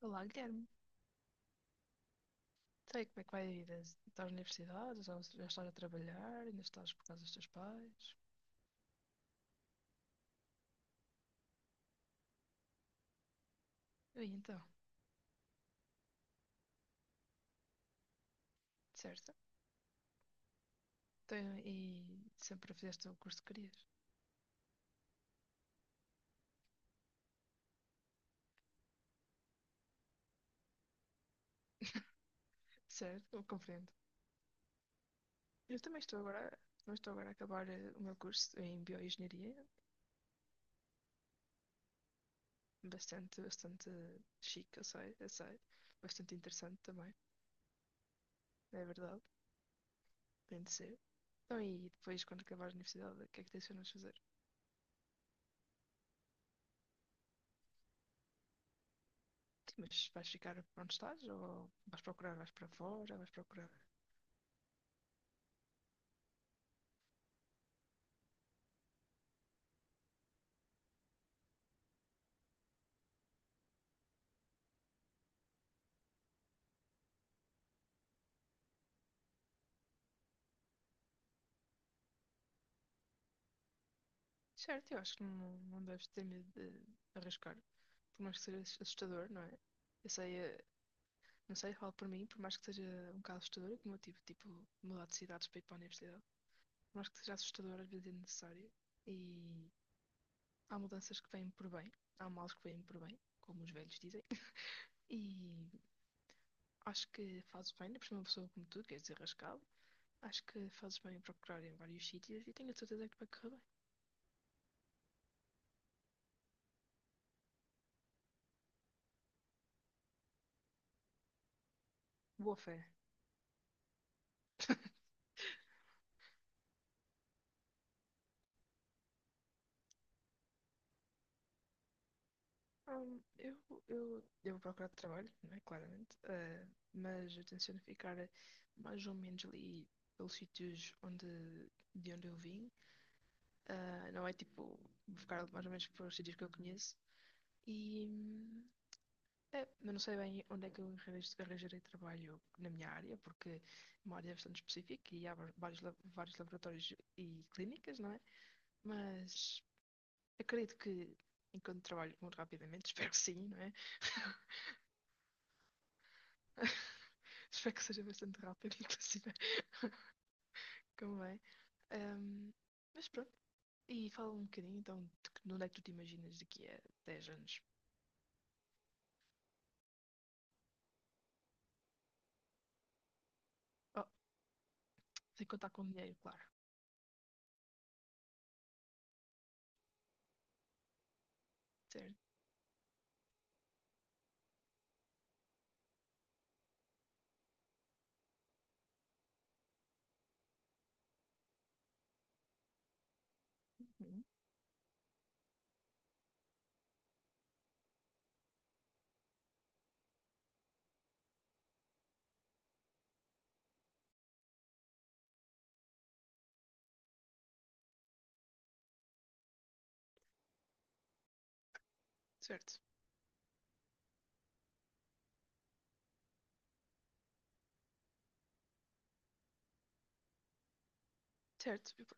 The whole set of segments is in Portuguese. Olá, Guilherme. Sei como é que vai a vida? Estás na universidade? Já estás a trabalhar? Ainda estás por causa dos teus pais? E então, certo? Então, e sempre fizeste o curso que querias? Certo, eu compreendo. Eu também estou agora a acabar o meu curso em bioengenharia, bastante, bastante chique, eu sei, bastante interessante também, é verdade, tem de ser. Então, e depois, quando acabares a universidade, o que é que tens de fazer? Sim, mas vais ficar onde estás? Ou vais procurar, vais para fora, vais procurar. Certo, eu acho que não deves ter medo de arriscar. Por mais que seja assustador, não é? Eu sei, não sei, falo por mim, por mais que seja um bocado assustador, é como eu tive, tipo, mudar de cidades para ir para a universidade. Por mais que seja assustador, às vezes é necessário. E há mudanças que vêm por bem, há males que vêm por bem, como os velhos dizem. E acho que fazes bem, depois uma pessoa como tu, que és arriscado. Acho que fazes bem em procurar em vários sítios e tenho a certeza que vai correr bem. Boa fé. Hum, eu, eu vou procurar trabalho, não é? Claramente. Mas eu tenciono ficar mais ou menos ali pelos sítios de onde eu vim. Ah, não é tipo, vou ficar mais ou menos pelos sítios que eu conheço. E, é, eu não sei bem onde é que eu arranjei arranjarei trabalho na minha área, porque é uma área bastante específica e há vários laboratórios e clínicas, não é? Mas acredito que enquanto trabalho muito rapidamente, espero que sim, não é? Espero que seja bastante rápido, inclusive, como é. Ahm, mas pronto, e fala um bocadinho então de onde é que tu te imaginas daqui a 10 anos? Oh, sem contar com dinheiro, claro. Certo, certo, certo.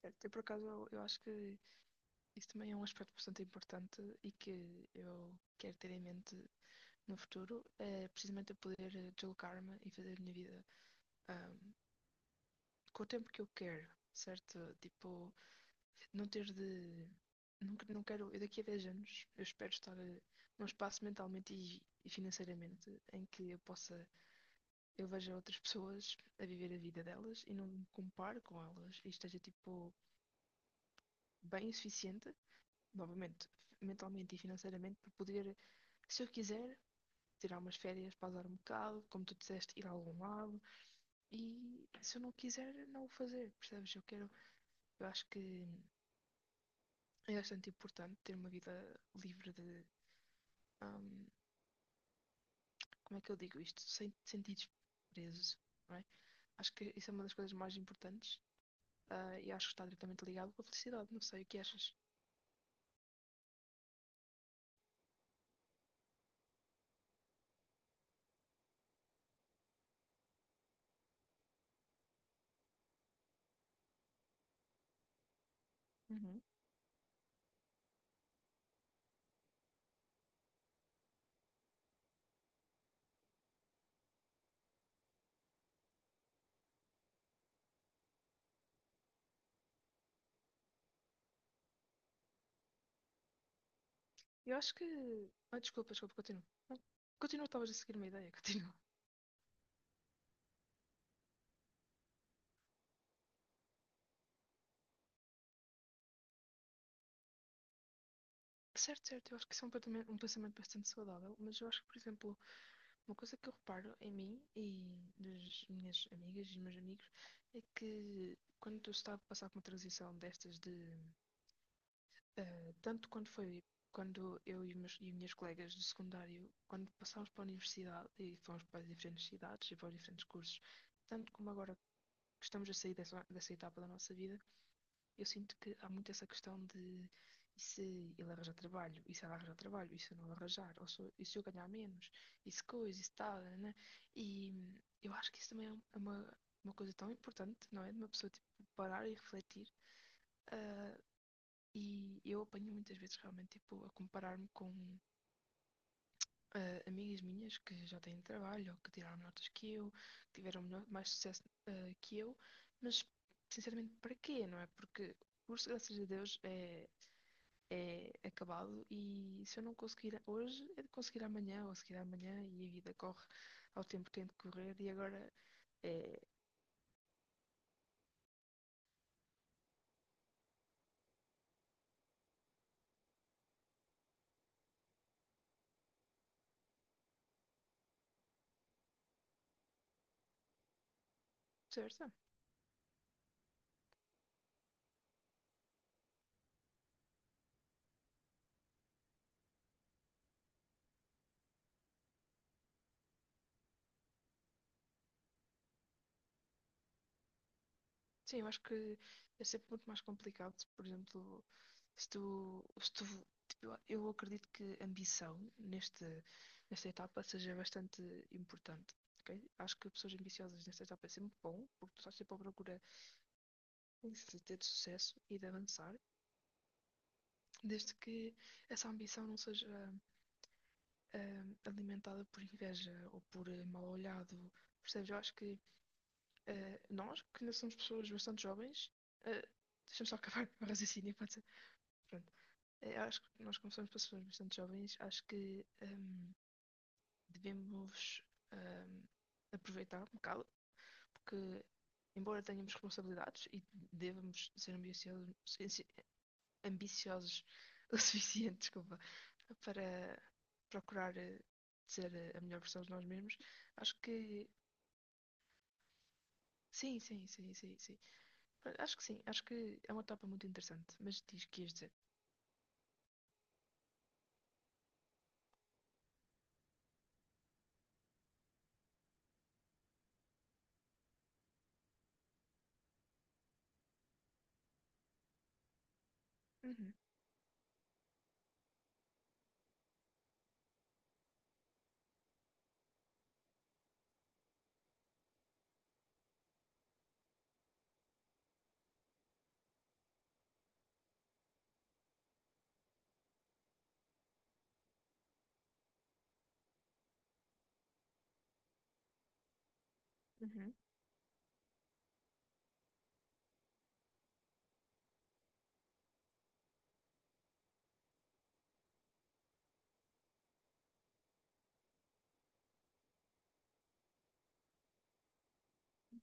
Certo, eu por acaso eu acho que isso também é um aspecto bastante importante e que eu quero ter em mente no futuro, é precisamente eu poder deslocar-me e fazer a minha vida ah, com o tempo que eu quero, certo? Tipo, não ter de. Não, não quero. Eu daqui a 10 anos, eu espero estar num espaço mentalmente e financeiramente em que eu possa. Eu veja outras pessoas a viver a vida delas e não me compare com elas e esteja, tipo, bem o suficiente novamente, mentalmente e financeiramente, para poder, se eu quiser, tirar umas férias, pausar um bocado, como tu disseste, ir a algum lado. E se eu não quiser, não o fazer, percebes? Eu quero, eu acho que é bastante importante ter uma vida livre de, hum, como é que eu digo isto? Sem sentidos presos. Não é? Acho que isso é uma das coisas mais importantes. E acho que está diretamente ligado com a felicidade. Não sei o que achas. Uhum. Eu acho que. Ah, desculpa, desculpa, continua. Continua, estavas a seguir uma ideia, continua. Certo, certo, eu acho que isso é um pensamento bastante saudável, mas eu acho que, por exemplo, uma coisa que eu reparo em mim e das minhas amigas e nos meus amigos é que quando eu estava a passar por uma transição destas de. Tanto quando foi quando eu e, minhas colegas do secundário, quando passámos para a universidade e fomos para diferentes cidades e para diferentes cursos, tanto como agora que estamos a sair dessa, etapa da nossa vida, eu sinto que há muito essa questão de e se ele arranjar trabalho, e se ela arranjar trabalho, e se eu não arranjar, ou se, e se eu ganhar menos, e se coisa, e se tal, né? Né? E eu acho que isso também é um, é uma coisa tão importante, não é? De uma pessoa tipo, parar e refletir. ah, e eu apanho muitas vezes realmente tipo, a comparar-me com amigas minhas que já têm trabalho, ou que tiraram notas que eu, que tiveram mais sucesso que eu, mas sinceramente para quê, não é? Porque, por graças a Deus, é acabado e se eu não conseguir hoje, é de conseguir amanhã ou a seguir amanhã e a vida corre ao tempo que tem de correr e agora é percebes? Sim, eu acho que é sempre muito mais complicado, por exemplo, se tu, tipo, eu acredito que ambição neste, nesta etapa seja bastante importante. Ok? Acho que pessoas ambiciosas nesta etapa é sempre bom, porque tu estás sempre à procura de ter de sucesso e de avançar, desde que essa ambição não seja alimentada por inveja ou por mal olhado. Percebes? Eu acho que nós, que ainda somos pessoas bastante jovens, ah, deixa-me só acabar o raciocínio, pode ser? Pronto. Eu acho que nós, como somos pessoas bastante jovens, acho que devemos ahm, aproveitar um bocado, porque, embora tenhamos responsabilidades e devemos ser ambiciosos, ambiciosos o suficiente, desculpa, para procurar ser a melhor versão de nós mesmos. Acho que sim, sim, sim, sim, sim. Pronto, acho que sim, acho que é uma etapa muito interessante, mas diz que ias dizer. Uhum, uhum,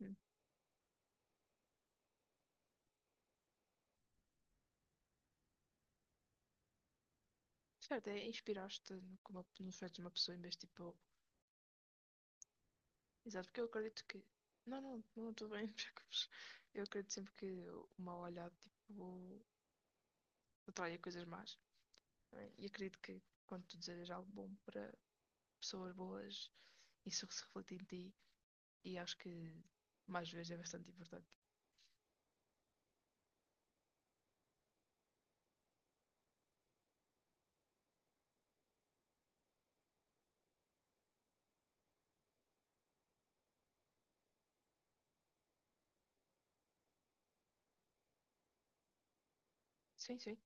uhum. Certo, é inspiraste no, como, nos feitos de uma pessoa em vez de tipo. Exato, porque eu acredito que. Não, não, não estou bem, não Eu acredito sempre que o mal olhado tipo, atrai coisas más. Não é? E acredito que quando tu desejas algo bom para pessoas boas, isso que se reflete em ti e acho que mais vezes é bastante importante. Sim, sim.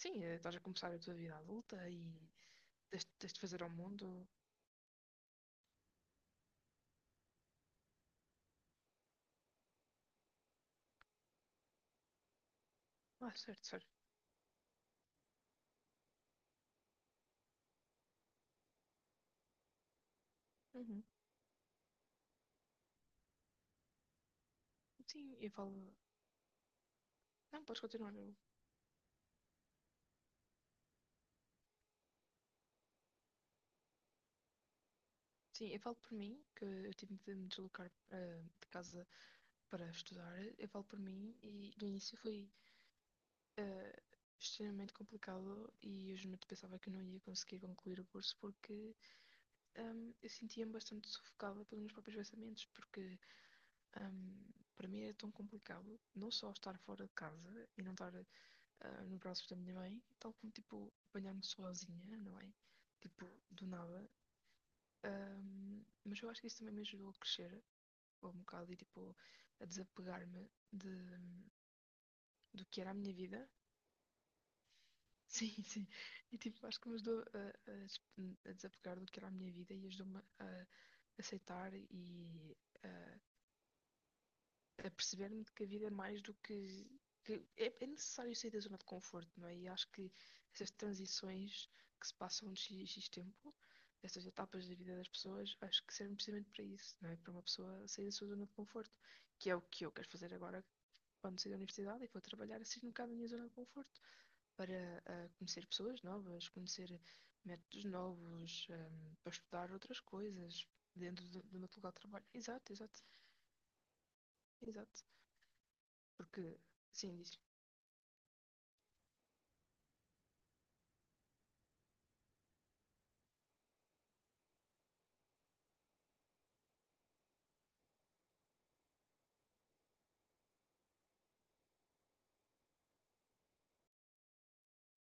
Sim, estás a começar a tua vida adulta e tens de fazer ao mundo. Ah, certo, certo. Uhum. Sim, eu falo. Não, podes continuar. Sim, eu falo por mim, que eu tive de me deslocar de casa para estudar. Eu falo por mim e no início foi eh, extremamente complicado e eu realmente pensava que eu não ia conseguir concluir o curso porque eu sentia-me bastante sufocada pelos meus próprios pensamentos, porque hum, para mim era tão complicado não só estar fora de casa e não estar no braço da minha mãe, tal como tipo apanhar-me sozinha, não é? Tipo, do nada. Mas eu acho que isso também me ajudou a crescer um bocado e tipo a desapegar-me do que era a minha vida. Sim, sim. E tipo, acho que me ajudou a desapegar do que era a minha vida e ajudou-me a aceitar e a a perceber-me que a vida é mais do que. Que é necessário sair da zona de conforto, não é? E acho que essas transições que se passam de X, X tempo, essas etapas da vida das pessoas, acho que servem precisamente para isso, não é? Para uma pessoa sair da sua zona de conforto, que é o que eu quero fazer agora quando sair da universidade e for trabalhar, assim um bocado da minha zona de conforto, para conhecer pessoas novas, conhecer métodos novos, para estudar outras coisas dentro do meu local de trabalho. Exato, exato, exato. Porque, sim, diz.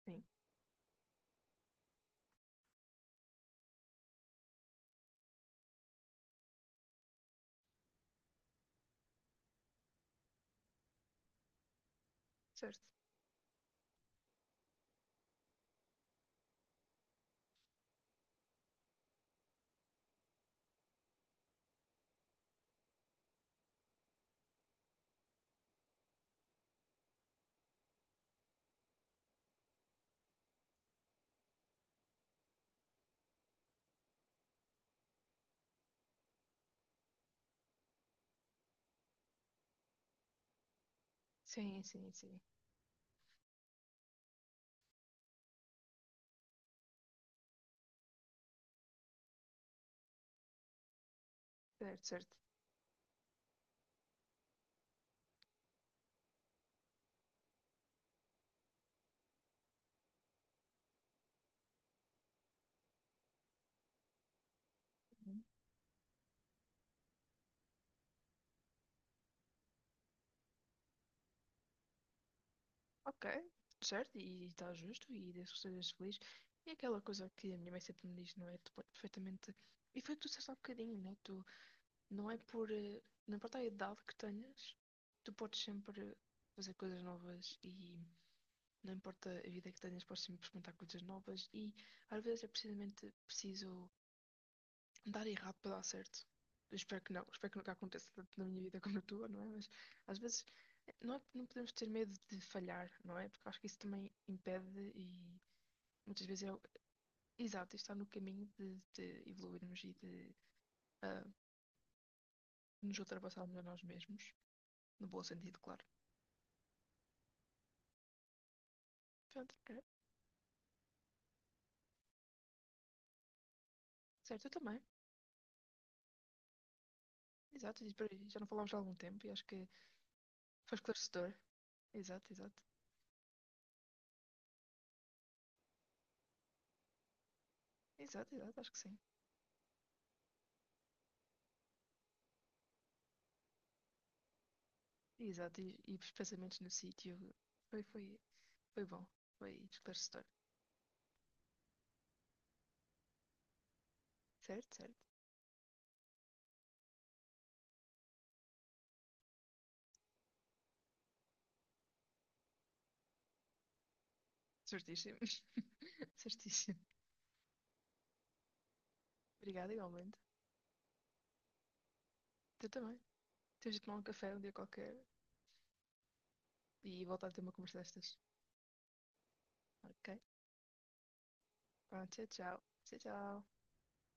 Sim, certo. Sim, sim, sim. Certo, certo. Uhum. Ok, certo, e está justo, e desde que sejas feliz. E aquela coisa que a minha mãe sempre me diz, não é? Tu podes perfeitamente. E foi o que tu disseste há bocadinho, né? Tu não é por. Não importa a idade que tenhas, tu podes sempre fazer coisas novas e não importa a vida que tenhas, podes sempre experimentar coisas novas. E às vezes é precisamente preciso dar errado para dar certo. Eu espero que não, espero que nunca aconteça tanto na minha vida como na tua, não é? Mas às vezes não podemos ter medo de falhar, não é? Porque eu acho que isso também impede e muitas vezes exato, está no caminho de evoluirmos e de ah, nos ultrapassarmos a nós mesmos, no bom sentido, claro. Pronto, é. Certo, eu também. Exato, e por aí já não falámos há algum tempo e acho que foi esclarecedor. Exato, exato. Exato, exato, acho que sim. Exato, e os pensamentos no sítio. Foi, foi, Foi bom, foi esclarecedor. Certo, certo. Certíssimo. Certíssimo. Obrigada igualmente. Tu também. Temos de tomar um café um dia qualquer e voltar a ter uma conversa destas. Ok? Pronto, tchau, tchau. Tchau, tchau.